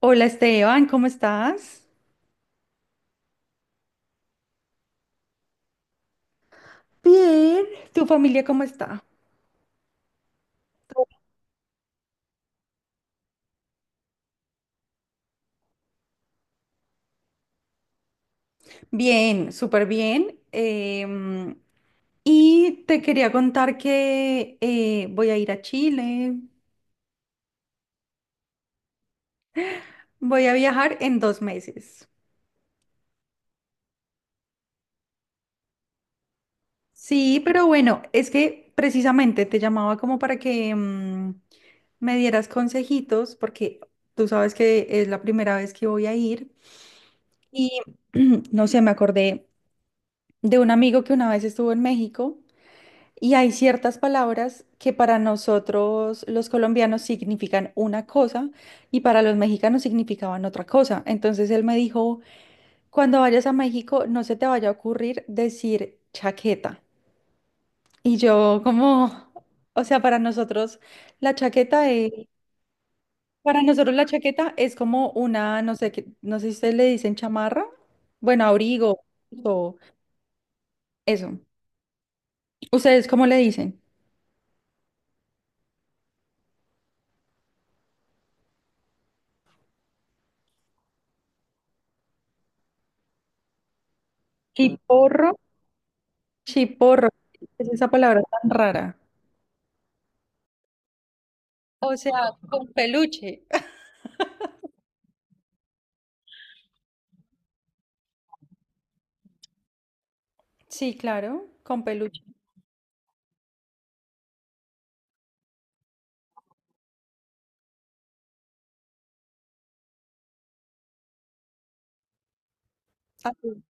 Hola Esteban, ¿cómo estás? Bien. ¿Tu familia cómo está? Bien, súper bien. Y te quería contar que voy a ir a Chile, voy a viajar en 2 meses. Sí, pero bueno, es que precisamente te llamaba como para que me dieras consejitos, porque tú sabes que es la primera vez que voy a ir. Y no sé, me acordé de un amigo que una vez estuvo en México. Y hay ciertas palabras que para nosotros los colombianos significan una cosa y para los mexicanos significaban otra cosa. Entonces él me dijo, cuando vayas a México no se te vaya a ocurrir decir chaqueta. Y yo como, o sea, para nosotros la chaqueta es, para nosotros la chaqueta es como una, no sé qué, no sé si ustedes le dicen chamarra, bueno, abrigo o eso. ¿Ustedes cómo le dicen? Chiporro. Chiporro, ¿qué es esa palabra tan rara? O sea, con peluche. Sí, claro, con peluche. Así,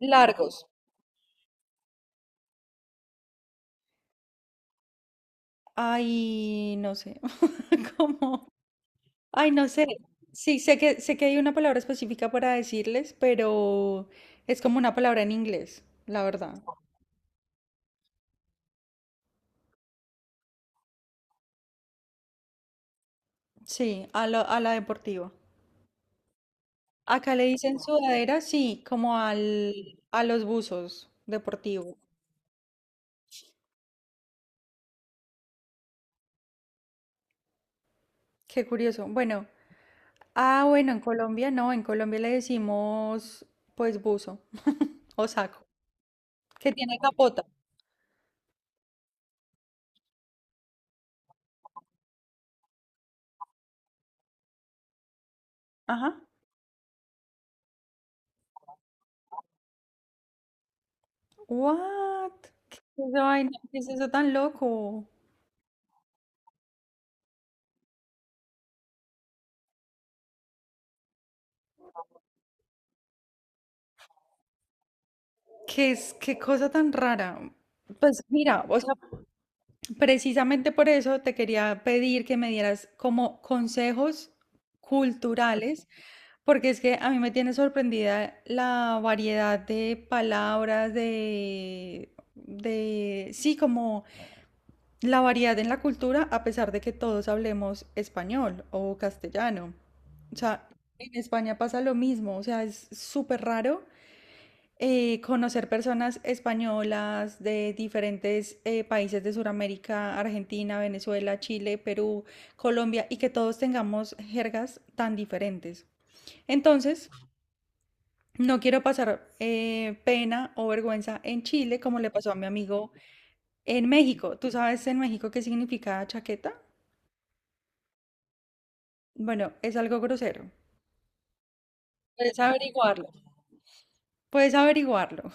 largos. Ay, no sé, cómo. Ay, no sé. Sí, sé que hay una palabra específica para decirles, pero es como una palabra en inglés, la verdad. Sí, a la deportiva. Acá le dicen sudadera, sí, como al, a los buzos deportivos. Qué curioso. Bueno, ah, bueno, en Colombia no, en Colombia le decimos pues buzo o saco, que tiene capota. Ajá. What? ¿Qué es esa vaina? ¿Qué es eso tan loco? ¿Qué es, qué cosa tan rara? Pues mira, o sea, precisamente por eso te quería pedir que me dieras como consejos culturales, porque es que a mí me tiene sorprendida la variedad de palabras, sí, como la variedad en la cultura, a pesar de que todos hablemos español o castellano. O sea, en España pasa lo mismo, o sea, es súper raro conocer personas españolas de diferentes países de Sudamérica, Argentina, Venezuela, Chile, Perú, Colombia, y que todos tengamos jergas tan diferentes. Entonces, no quiero pasar pena o vergüenza en Chile como le pasó a mi amigo en México. ¿Tú sabes en México qué significa chaqueta? Bueno, es algo grosero. Puedes averiguarlo. Puedes averiguarlo.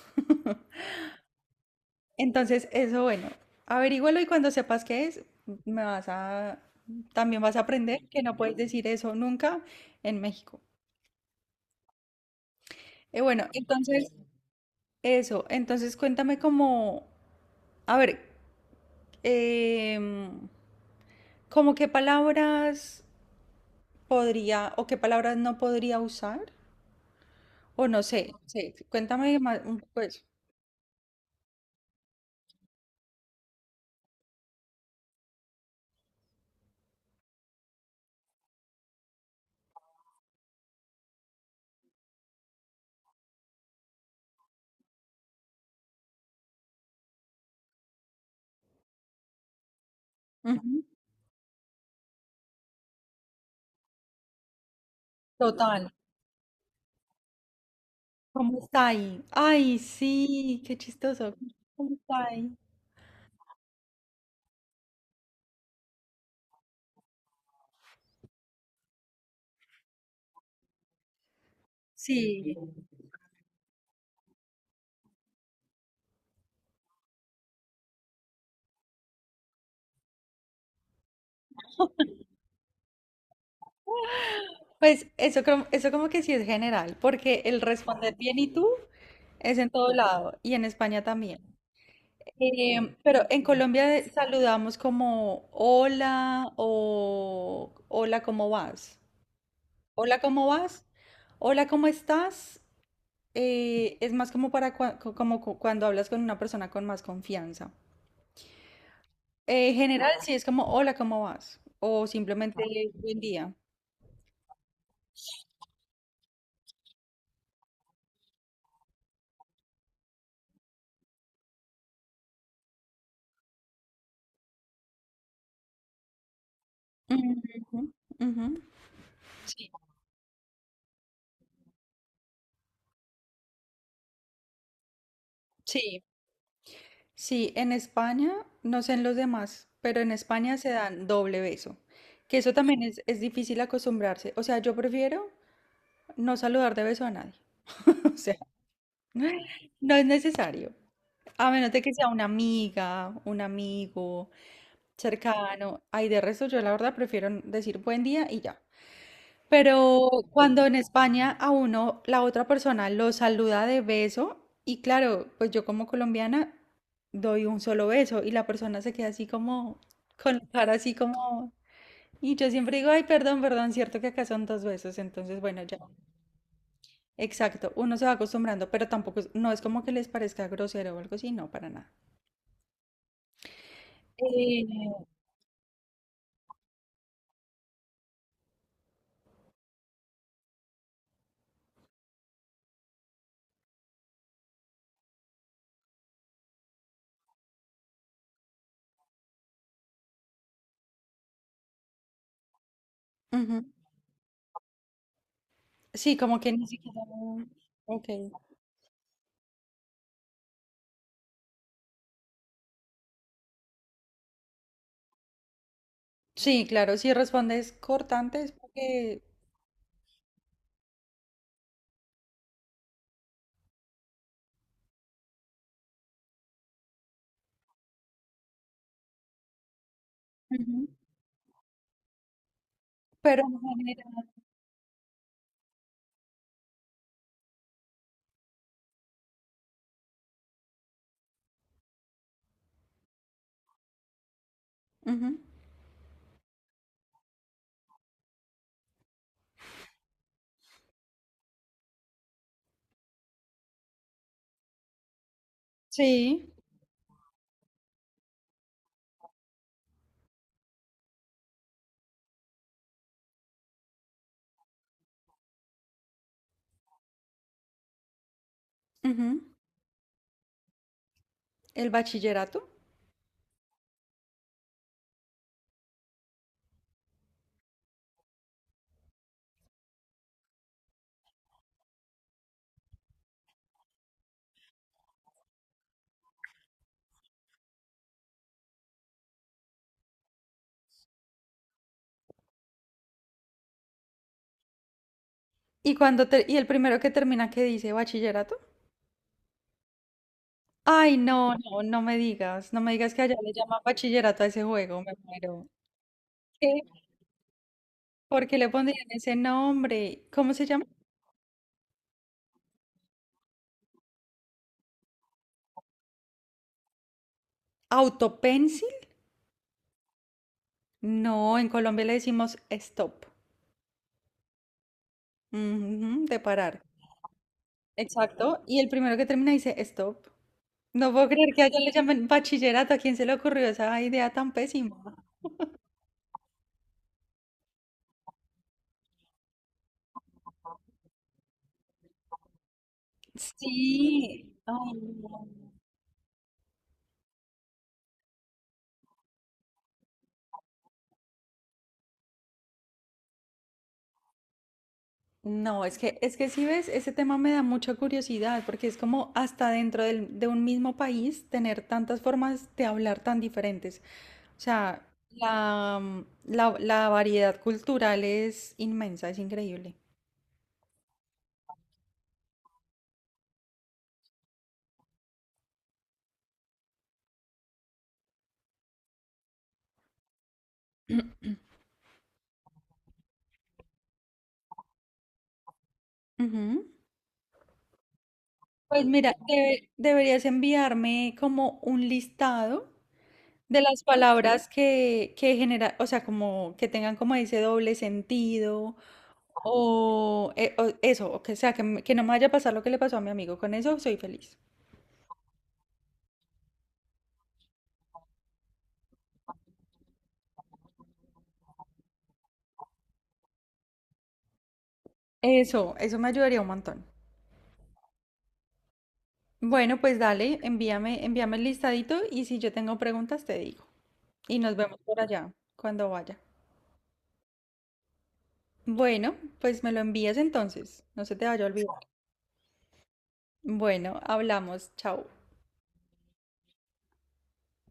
Entonces, eso, bueno, averígualo y cuando sepas qué es, me vas a, también vas a aprender que no puedes decir eso nunca en México. Bueno, entonces, eso, entonces cuéntame como, a ver, em, como qué palabras podría o qué palabras no podría usar, o no sé, sí, cuéntame más, pues. Ujú. Total. ¿Cómo está ahí? Ay, sí, qué chistoso. ¿Cómo está ahí? Sí. Pues eso, eso como que sí es general, porque el responder bien y tú es en todo lado y en España también. Pero en Colombia saludamos como hola o hola, ¿cómo vas? Hola, ¿cómo vas? Hola, ¿cómo estás? Es más como para como cuando hablas con una persona con más confianza. En general, sí, es como, hola, ¿cómo vas? O simplemente, ah, buen día. Ujú, ujú. Sí, sí, sí, en España, no sé en los demás, pero en España se dan doble beso, que eso también es difícil acostumbrarse. O sea, yo prefiero no saludar de beso a nadie. O sea, no es necesario. A menos de que sea una amiga, un amigo cercano. Ay, de resto, yo la verdad prefiero decir buen día y ya. Pero cuando en España a uno, la otra persona lo saluda de beso, y claro, pues yo como colombiana doy un solo beso y la persona se queda así como, con la cara así como... Y yo siempre digo, ay, perdón, perdón, cierto que acá son 2 besos, entonces bueno, ya, exacto, uno se va acostumbrando, pero tampoco, no es como que les parezca grosero o algo así, no, para nada. Eh, Ujú. Sí, como que ni siquiera... Ok. Sí, claro, si respondes cortante es porque... Ujú. Pero en general, ujú, sí. Ujú. ¿El bachillerato? ¿Y y el primero que termina que dice bachillerato? Ay, no, no, no me digas, no me digas que allá le llaman bachillerato a ese juego, me muero. ¿Qué? ¿Por qué le pondrían ese nombre? ¿Cómo se llama? ¿Autopencil? No, en Colombia le decimos stop. Ujú, de parar. Exacto. Y el primero que termina dice stop. No puedo creer que allá le llamen bachillerato. ¿A quién se le ocurrió esa idea tan pésima? Sí, ay, no. No, es que si ves, ese tema me da mucha curiosidad, porque es como hasta dentro de un mismo país tener tantas formas de hablar tan diferentes. O sea, la, mm, la variedad cultural es inmensa, es increíble. Ujú. Pues mira, deberías enviarme como un listado de las palabras que genera, o sea, como que tengan como ese doble sentido o, o eso, o que sea, que, que no me vaya a pasar lo que le pasó a mi amigo. Con eso soy feliz. Eso me ayudaría un montón. Bueno, pues dale, envíame, envíame el listadito y si yo tengo preguntas te digo. Y nos vemos por allá cuando vaya. Bueno, pues me lo envías entonces. No se te vaya a olvidar. Bueno, hablamos. Chao.